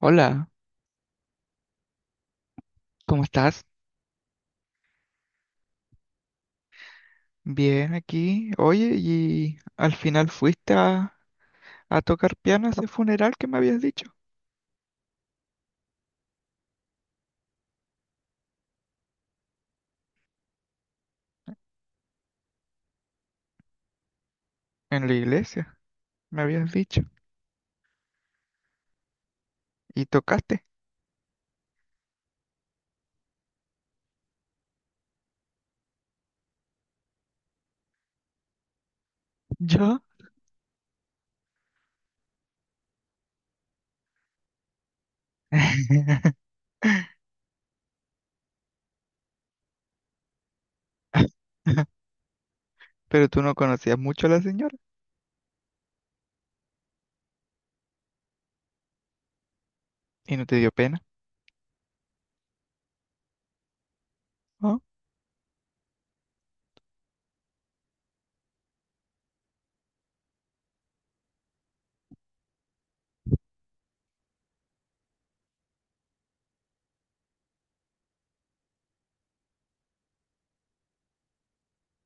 Hola, ¿cómo estás? Bien aquí. Oye, ¿y al final fuiste a tocar piano a ese funeral que me habías dicho? En la iglesia, me habías dicho. ¿Y tocaste? ¿Yo? Pero tú no conocías mucho a la señora y no te dio pena, ¿no?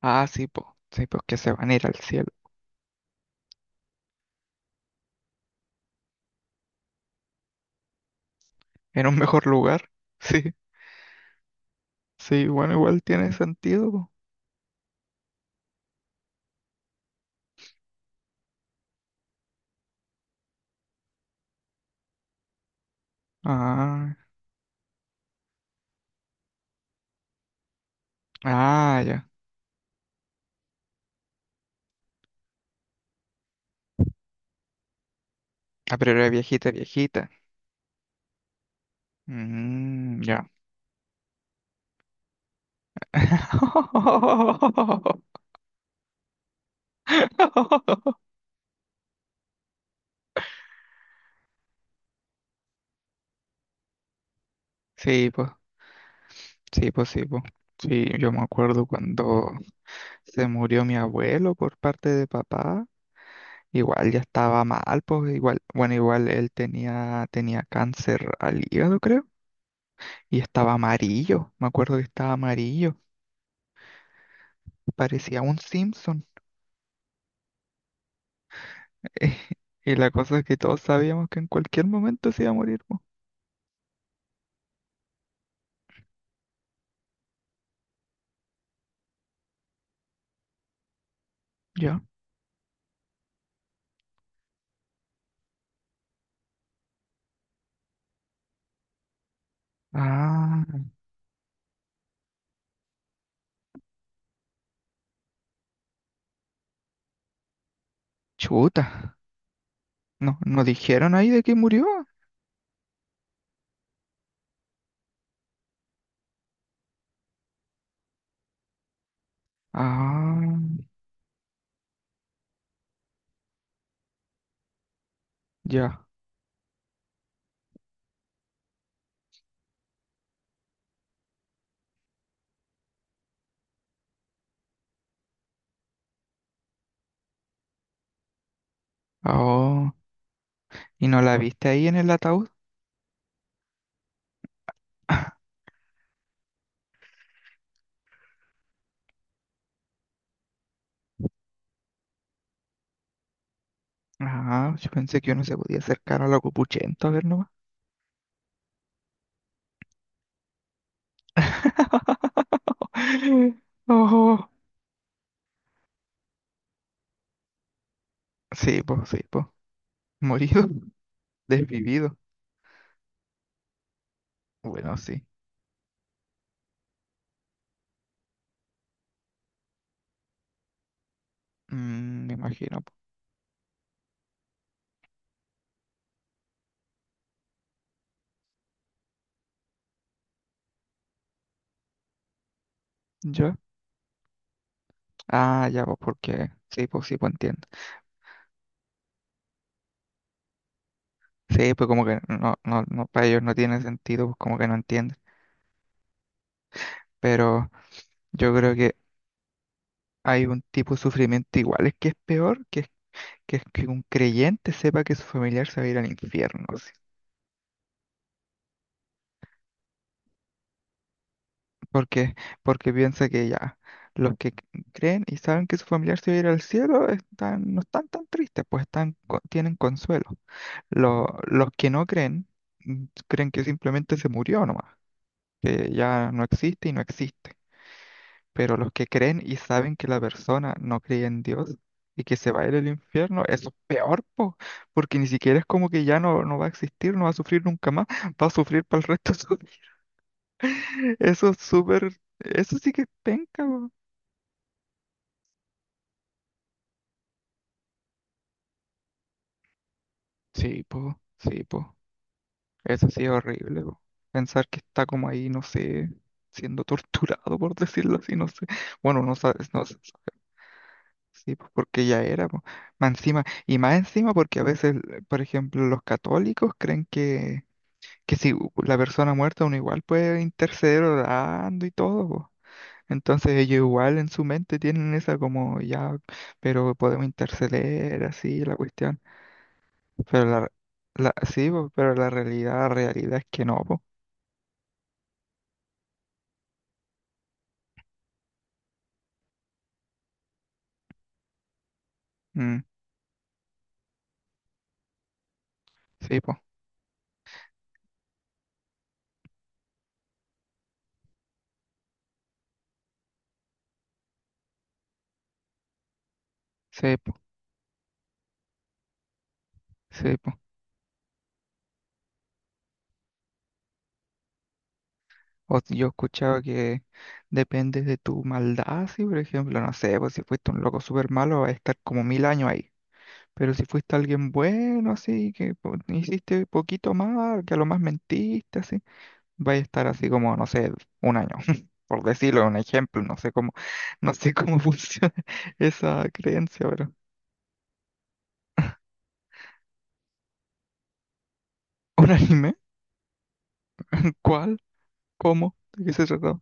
Ah, sí, pues que se van a ir al cielo, en un mejor lugar. Sí, sí, bueno, igual tiene sentido, po. Ah, ah, ya. Ah, pero era viejita, viejita. Mm, ya. Sí, pues, sí, pues, sí, pues. Sí, yo me acuerdo cuando se murió mi abuelo por parte de papá. Igual ya estaba mal, pues igual, bueno, igual él tenía cáncer al hígado, creo, y estaba amarillo, me acuerdo que estaba amarillo, parecía un Simpson. Y la cosa es que todos sabíamos que en cualquier momento se iba a morir, pues. Ya. Ah, chuta. No, no dijeron ahí de que murió. Ah, ya. Oh, ¿y no la viste ahí en el ataúd? Ah, yo pensé que uno se podía acercar a la Copuchento a ver nomás. Oh, sí, pues, sí, pues. Morido, desvivido. Bueno, sí. Mm, me imagino, po. ¿Yo? Ah, ya, pues, porque. Sí, pues entiendo. Sí, pues como que no, no, no, para ellos no tiene sentido, pues como que no entienden. Pero yo creo que hay un tipo de sufrimiento igual, es que es peor, que es que un creyente sepa que su familiar se va a ir al infierno, así. Porque, porque piensa que ya, los que creen y saben que su familiar se va a ir al cielo están, no están tan tristes, pues están, tienen consuelo. Los que no creen, mm, creen que simplemente se murió nomás, que ya no existe y no existe. Pero los que creen y saben que la persona no cree en Dios y que se va a ir al infierno, eso es peor, po, porque ni siquiera es como que ya no, no va a existir, no va a sufrir nunca más, va a sufrir para el resto de Eso es súper, eso sí que es penca, po. Sí, po, sí, po. Eso sí es horrible, po. Pensar que está como ahí, no sé, siendo torturado, por decirlo así, no sé. Bueno, no sabes, no sé. Sí, pues, porque ya era, po. Más encima, y más encima porque a veces, por ejemplo, los católicos creen que si la persona muerta uno igual puede interceder orando y todo, po. Entonces ellos igual en su mente tienen esa como ya, pero podemos interceder así la cuestión. Pero la sí, pues pero la realidad es que no, pues. Mm, sí, pues, sí, pues, sí, po. O si yo he escuchado que depende de tu maldad, si por ejemplo, no sé, pues si fuiste un loco súper malo, vas a estar como 1.000 años ahí. Pero si fuiste alguien bueno, así, que hiciste poquito mal, que a lo más mentiste, así, vas a estar así como, no sé, un año. Por decirlo, un ejemplo, no sé cómo, no sé cómo funciona esa creencia, pero. ¿Un anime? ¿Cuál? ¿Cómo? ¿De qué se trató?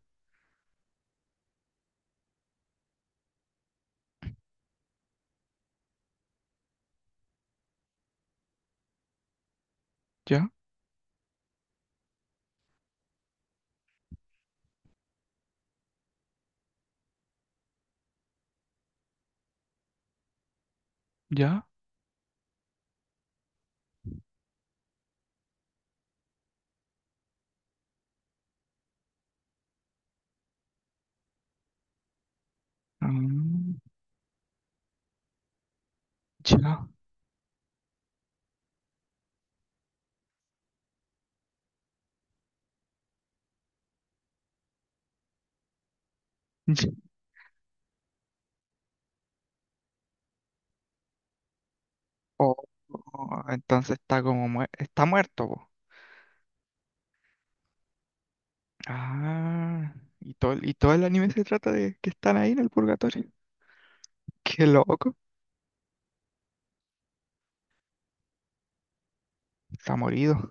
¿Ya? ¿Ya? Mm, ya. Oh, oh, entonces está como está muerto, po. Ah, y todo, y todo el anime se trata de que están ahí en el purgatorio. Qué loco, está morido.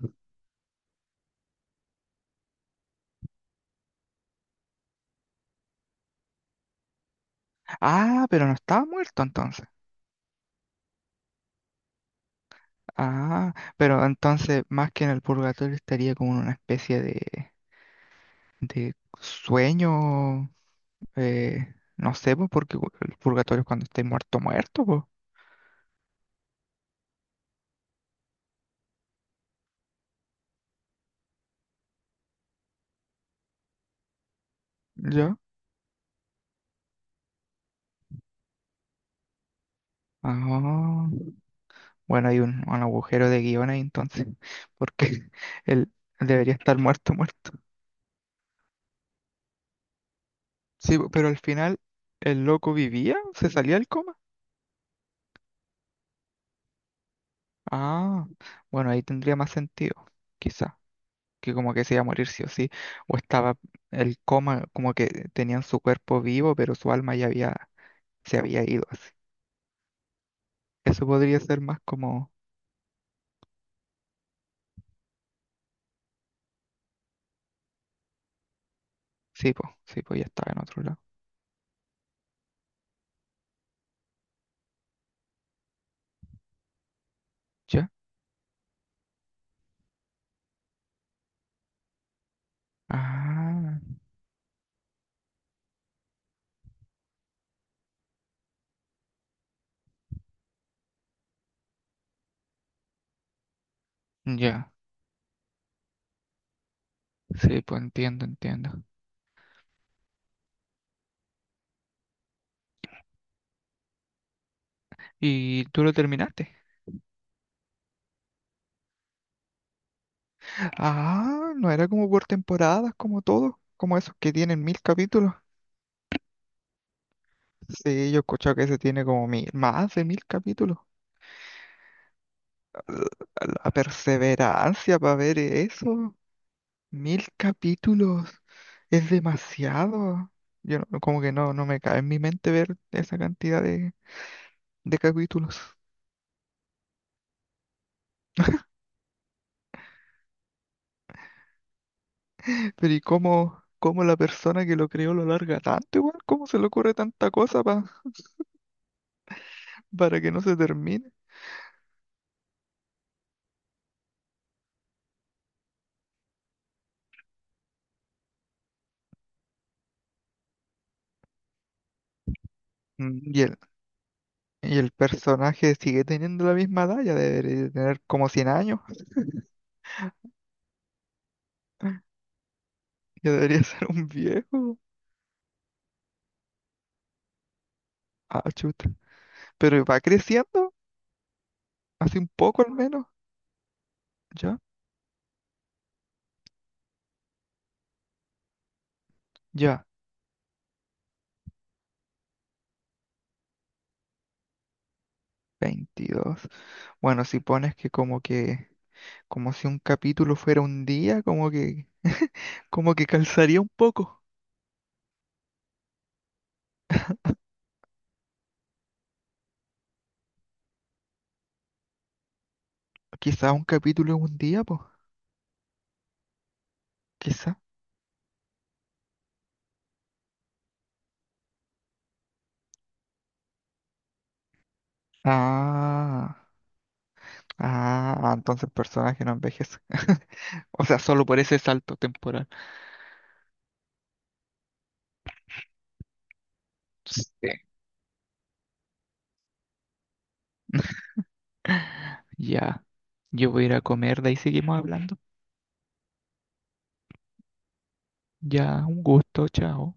Ah, pero no estaba muerto entonces. Ah, pero entonces más que en el purgatorio estaría como en una especie de sueño, no sé, po, porque el purgatorio es cuando esté muerto, muerto, pues. ¿Ya? Ah. Bueno, hay un agujero de guión ahí entonces, porque él debería estar muerto, muerto. Sí, po, pero al final, ¿el loco vivía? ¿Se salía del coma? Ah, bueno, ahí tendría más sentido, quizá, que como que se iba a morir sí o sí, o estaba el coma, como que tenían su cuerpo vivo, pero su alma ya había, se había ido así. Eso podría ser más como, sí, pues ya estaba en otro lado. ¿Ya? Ah, ya, sí, pues entiendo, entiendo. ¿Y tú lo terminaste? Ah, no era como por temporadas, como todos, como esos que tienen 1.000 capítulos. Sí, yo he escuchado que ese tiene como mil, más de mil capítulos. La la perseverancia para ver eso, 1.000 capítulos, es demasiado. Yo no- Como que no, no me cae en mi mente ver esa cantidad de capítulos. Pero ¿y cómo, cómo la persona que lo creó lo larga tanto igual? ¿Cómo se le ocurre tanta cosa para que no se termine? Y el y el personaje sigue teniendo la misma edad, ya debería tener como 100 años, ya debería ser un viejo. Ah, chuta. Pero va creciendo, hace un poco al menos, ya, ya, 22. Bueno, si pones que, como si un capítulo fuera un día, como que calzaría un poco. Quizá un capítulo es un día, pues, quizá. Ah, ah, entonces el personaje no envejece. O sea, solo por ese salto temporal. Sí. Ya, yo voy a ir a comer, de ahí seguimos hablando. Ya, un gusto, chao.